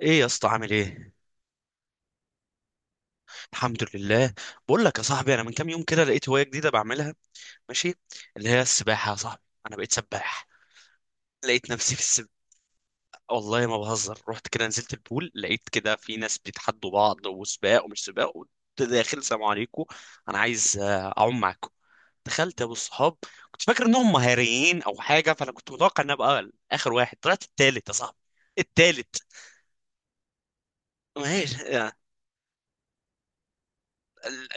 ايه يا اسطى؟ عامل ايه؟ الحمد لله. بقول لك يا صاحبي، انا من كام يوم كده لقيت هوايه جديده بعملها. ماشي. اللي هي السباحه يا صاحبي، انا بقيت سباح. لقيت نفسي في السباحه. والله ما بهزر، رحت كده نزلت البول لقيت كده في ناس بيتحدوا بعض وسباق ومش سباق، وقلت داخل: السلام عليكم، انا عايز اعوم معاكم. دخلت يا ابو الصحاب، كنت فاكر انهم مهاريين او حاجه، فانا كنت متوقع ان ابقى اخر واحد، طلعت التالت يا صاحبي. التالت. ماشي.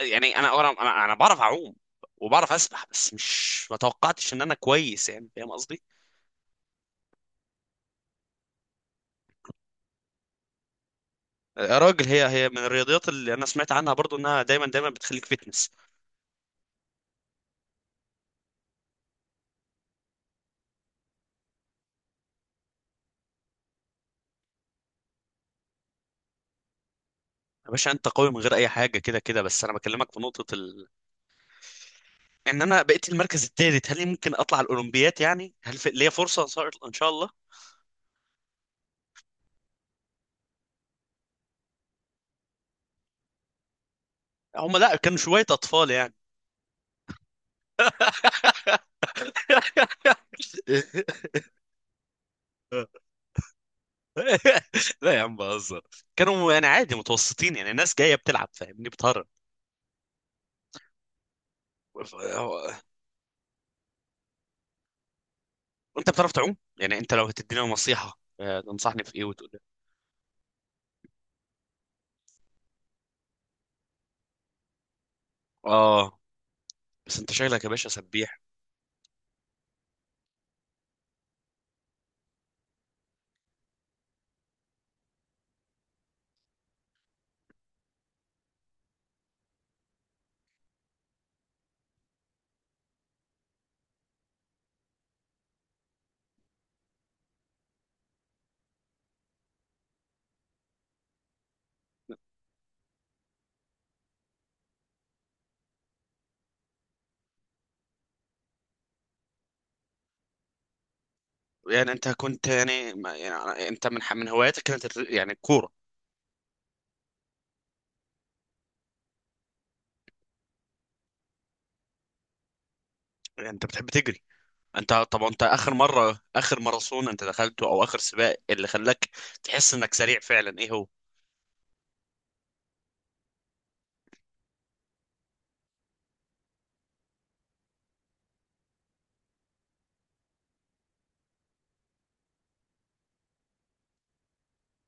يعني انا انا انا أنا بعرف اعوم وبعرف اسبح، بس مش ما توقعتش ان انا كويس، يعني فاهم قصدي. يا راجل، هي من الرياضيات اللي انا سمعت عنها برضو، انها دايما دايما بتخليك فيتنس. يا باشا، انت قوي من غير اي حاجه كده كده، بس انا بكلمك في نقطه ان انا بقيت المركز الثالث، هل ممكن اطلع الاولمبيات؟ يعني هل ليا فرصه؟ ان شاء إن شاء الله. هم لا، كانوا شويه اطفال يعني. لا يا عم بهزر، كانوا يعني عادي، متوسطين يعني، ناس جايه بتلعب، فاهمني. بتهرب. انت بتعرف تعوم؟ يعني انت لو هتدينا نصيحة، تنصحني في ايه وتقول لي؟ اه. بس انت شكلك يا باشا سبيح. يعني انت كنت يعني، يعني انت من من هواياتك كانت يعني الكورة. يعني انت بتحب تجري؟ انت طب انت اخر مرة، اخر ماراثون انت دخلته او اخر سباق اللي خلاك تحس انك سريع فعلا، ايه هو؟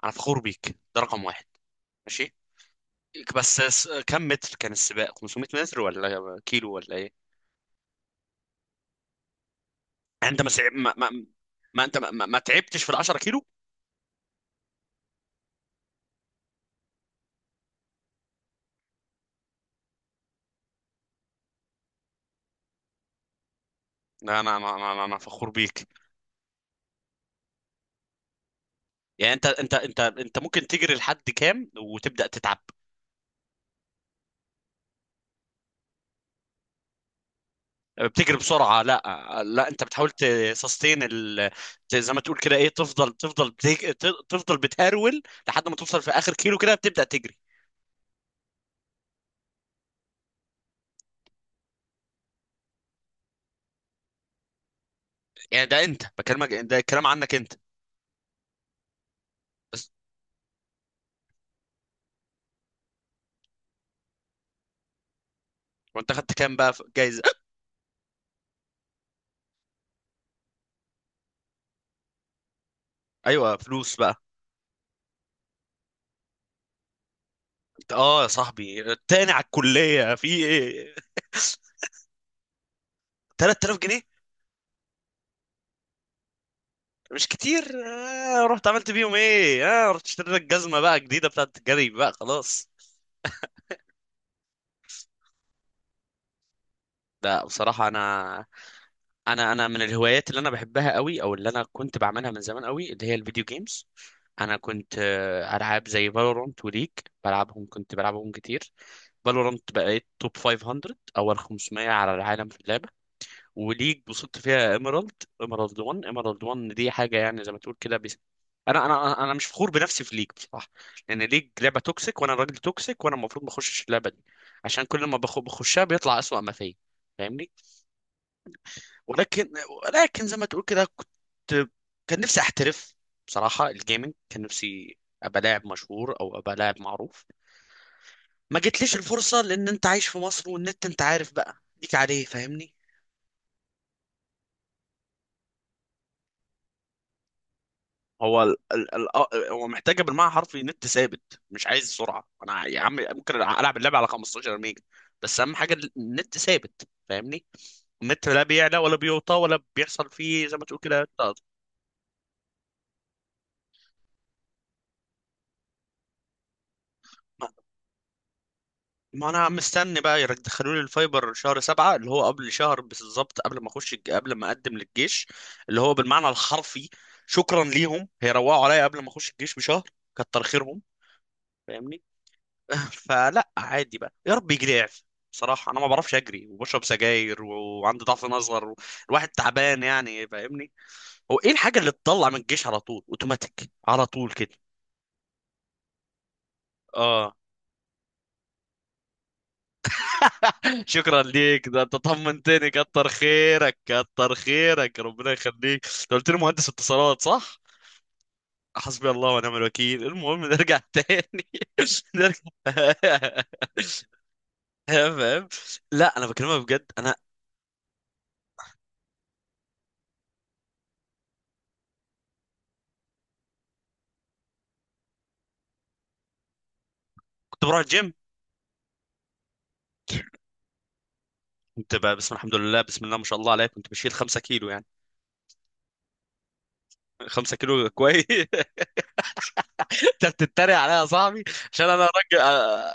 انا فخور بيك، ده رقم واحد. ماشي. بس كم متر كان السباق، 500 متر ولا كيلو ولا ايه؟ يعني انت ما انت ما تعبتش في ال 10 كيلو. لا انا انا انا أنا فخور بيك. يعني انت ممكن تجري لحد كام وتبدا تتعب؟ بتجري بسرعه؟ لا لا، انت بتحاول تسستين زي ما تقول كده، ايه، تفضل تفضل بتهرول، لحد ما توصل في اخر كيلو كده بتبدا تجري. يعني ده انت بكلمك، ده الكلام عنك انت. بس. وانت خدت كام بقى في جايزه؟ ايوه، فلوس بقى. انت، اه يا صاحبي، التاني على الكليه في ايه؟ 3000 جنيه؟ مش كتير. رحت عملت بيهم ايه؟ اه رحت اشتريت لك جزمه بقى جديده بتاعت الجري بقى خلاص. لا بصراحة أنا، أنا من الهوايات اللي أنا بحبها قوي أو اللي أنا كنت بعملها من زمان قوي اللي هي الفيديو جيمز. أنا كنت، ألعاب زي فالورانت وليج. كنت بلعبهم كتير. فالورانت بقيت توب 500، أول 500 على العالم في اللعبة. وليج وصلت فيها ايميرالد. ايميرالد 1، ايميرالد 1 دي حاجة يعني زي ما تقول كده بس. أنا مش فخور بنفسي في ليج بصراحة. لأن ليج لعبة توكسيك وأنا راجل توكسيك، وأنا المفروض ما أخشش اللعبة دي، عشان كل ما بخشها بيطلع أسوأ ما فيا، فاهمني. ولكن. زي ما تقول كده، كنت، كان نفسي احترف. بصراحة الجيمنج كان نفسي ابقى لاعب مشهور او ابقى لاعب معروف. ما جتليش الفرصة لان انت عايش في مصر، والنت انت عارف بقى ليك عليه، فاهمني. هو ال ال ال آه، هو محتاجة بالمعنى الحرفي نت ثابت، مش عايز سرعة. انا يا عم ممكن العب اللعبة على 15 ميجا، بس اهم حاجة النت ثابت، فاهمني. النت لا بيعلى ولا بيوطى ولا بيحصل فيه زي ما تقول كده. ما انا مستني بقى يدخلوا لي الفايبر شهر سبعة، اللي هو قبل شهر بالظبط قبل ما اخش قبل ما اقدم للجيش، اللي هو بالمعنى الحرفي. شكرا ليهم، هيروقوا عليا قبل ما اخش الجيش بشهر. كتر خيرهم. فاهمني. فلا عادي بقى، يا رب يجي لي اعفاء. بصراحة انا ما بعرفش اجري وبشرب سجاير وعندي ضعف نظر الواحد تعبان يعني، فاهمني. هو ايه الحاجة اللي تطلع من الجيش على طول، اوتوماتيك على طول كده؟ اه. شكرا ليك، ده انت طمنتني. كتر خيرك، كتر خيرك، ربنا يخليك. انت قلت لي مهندس اتصالات، صح؟ حسبي الله ونعم الوكيل. المهم، نرجع تاني. نرجع. تمام. لا انا بكلمك بجد. انا كنت بروح الجيم، كنت بسم الحمد لله، بسم الله ما شاء الله عليك، كنت بشيل 5 كيلو يعني. 5 كيلو كويس. انت بتتريق عليا يا صاحبي؟ عشان انا راجل،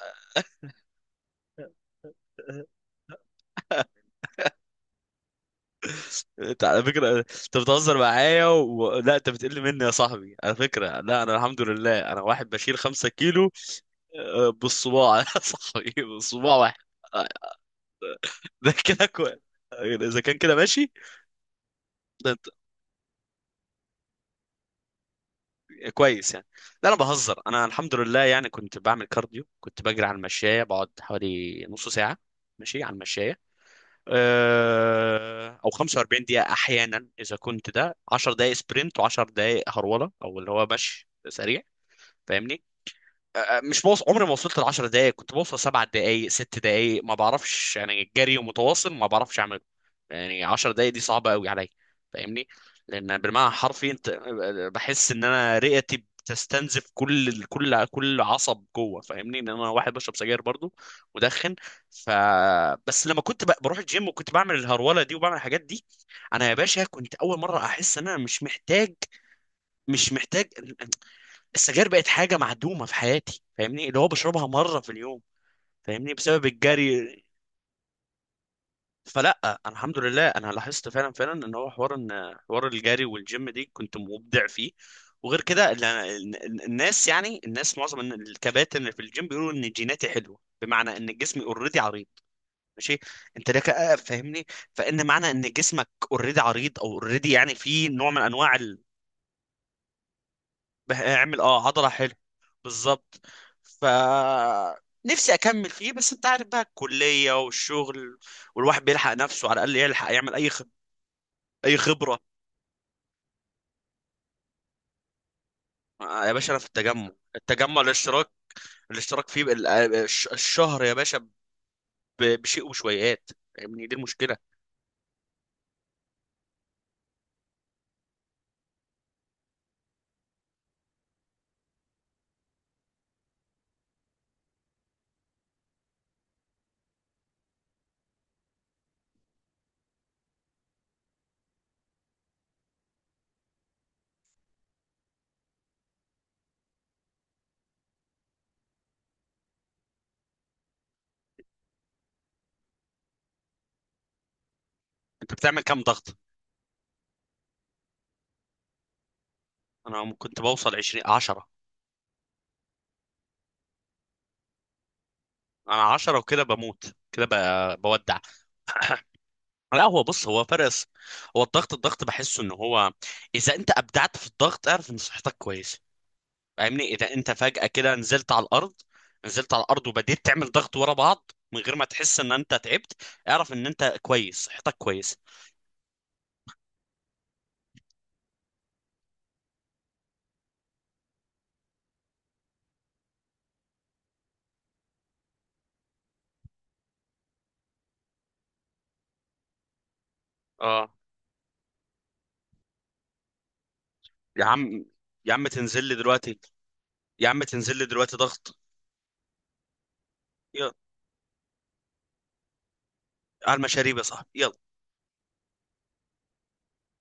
انت على فكرة انت بتهزر معايا لا انت بتقل مني يا صاحبي على فكرة. لا انا الحمد لله انا واحد بشيل خمسة كيلو. اه، بالصباع. يا صاحبي بالصباع واحد. اه، ده كده كويس. اذا كان كده ماشي. ده انت... كويس يعني. لا انا بهزر. انا الحمد لله يعني كنت بعمل كارديو، كنت بجري على المشاية، بقعد حوالي نص ساعة ماشي على المشاية. اه، او 45 دقيقة احيانا، اذا كنت ده 10 دقائق سبرنت و10 دقائق هرولة او اللي هو مشي سريع، فاهمني. مش بوص... عمري ما وصلت ل 10 دقائق، كنت بوصل سبع دقائق ست دقائق، ما بعرفش يعني، الجري ومتواصل ما بعرفش اعمله. يعني 10 دقائق دي صعبه قوي عليا، فاهمني. لان بالمعنى الحرفي انت، بحس ان انا رئتي بتستنزف كل كل كل عصب جوه، فاهمني، ان انا واحد بشرب سجاير برضو، مدخن. ف. بس لما كنت بروح الجيم، وكنت بعمل الهروله دي وبعمل الحاجات دي، انا يا باشا كنت اول مره احس ان انا مش محتاج. مش محتاج. السجاير بقت حاجه معدومه في حياتي، فاهمني، اللي هو بشربها مره في اليوم، فاهمني، بسبب الجري. فلا انا الحمد لله انا لاحظت فعلا فعلا ان هو حوار، ان حوار الجري والجيم دي كنت مبدع فيه. وغير كده الناس، يعني الناس معظم الكباتن اللي في الجيم بيقولوا ان جيناتي حلوه، بمعنى ان جسمي اوريدي عريض. ماشي. انت لك، فاهمني. فان معنى ان جسمك اوريدي عريض او اوريدي، يعني في نوع من انواع. اعمل اه هضرة حلو. بالظبط. ف. نفسي اكمل فيه بس انت عارف بقى، الكلية والشغل والواحد بيلحق نفسه على الاقل يلحق يعمل اي اي خبرة. آه يا باشا، انا في التجمع. التجمع الاشتراك، الاشتراك فيه الشهر يا باشا بشيء وشويات، يعني دي المشكلة. انت بتعمل كام ضغط؟ انا كنت بوصل 20 10. انا 10 وكده بموت كده بودع. لا هو بص، هو فرس. هو الضغط، الضغط بحسه ان هو، اذا انت ابدعت في الضغط اعرف ان صحتك كويسه، فاهمني. اذا انت فجأة كده نزلت على الارض، نزلت على الارض وبديت تعمل ضغط ورا بعض من غير ما تحس ان انت تعبت، اعرف ان انت كويس، صحتك كويسه. اه. يا عم، يا عم تنزل لي دلوقتي، يا عم تنزل لي دلوقتي ضغط. يلا. على المشاريب يا صاحبي، يلا.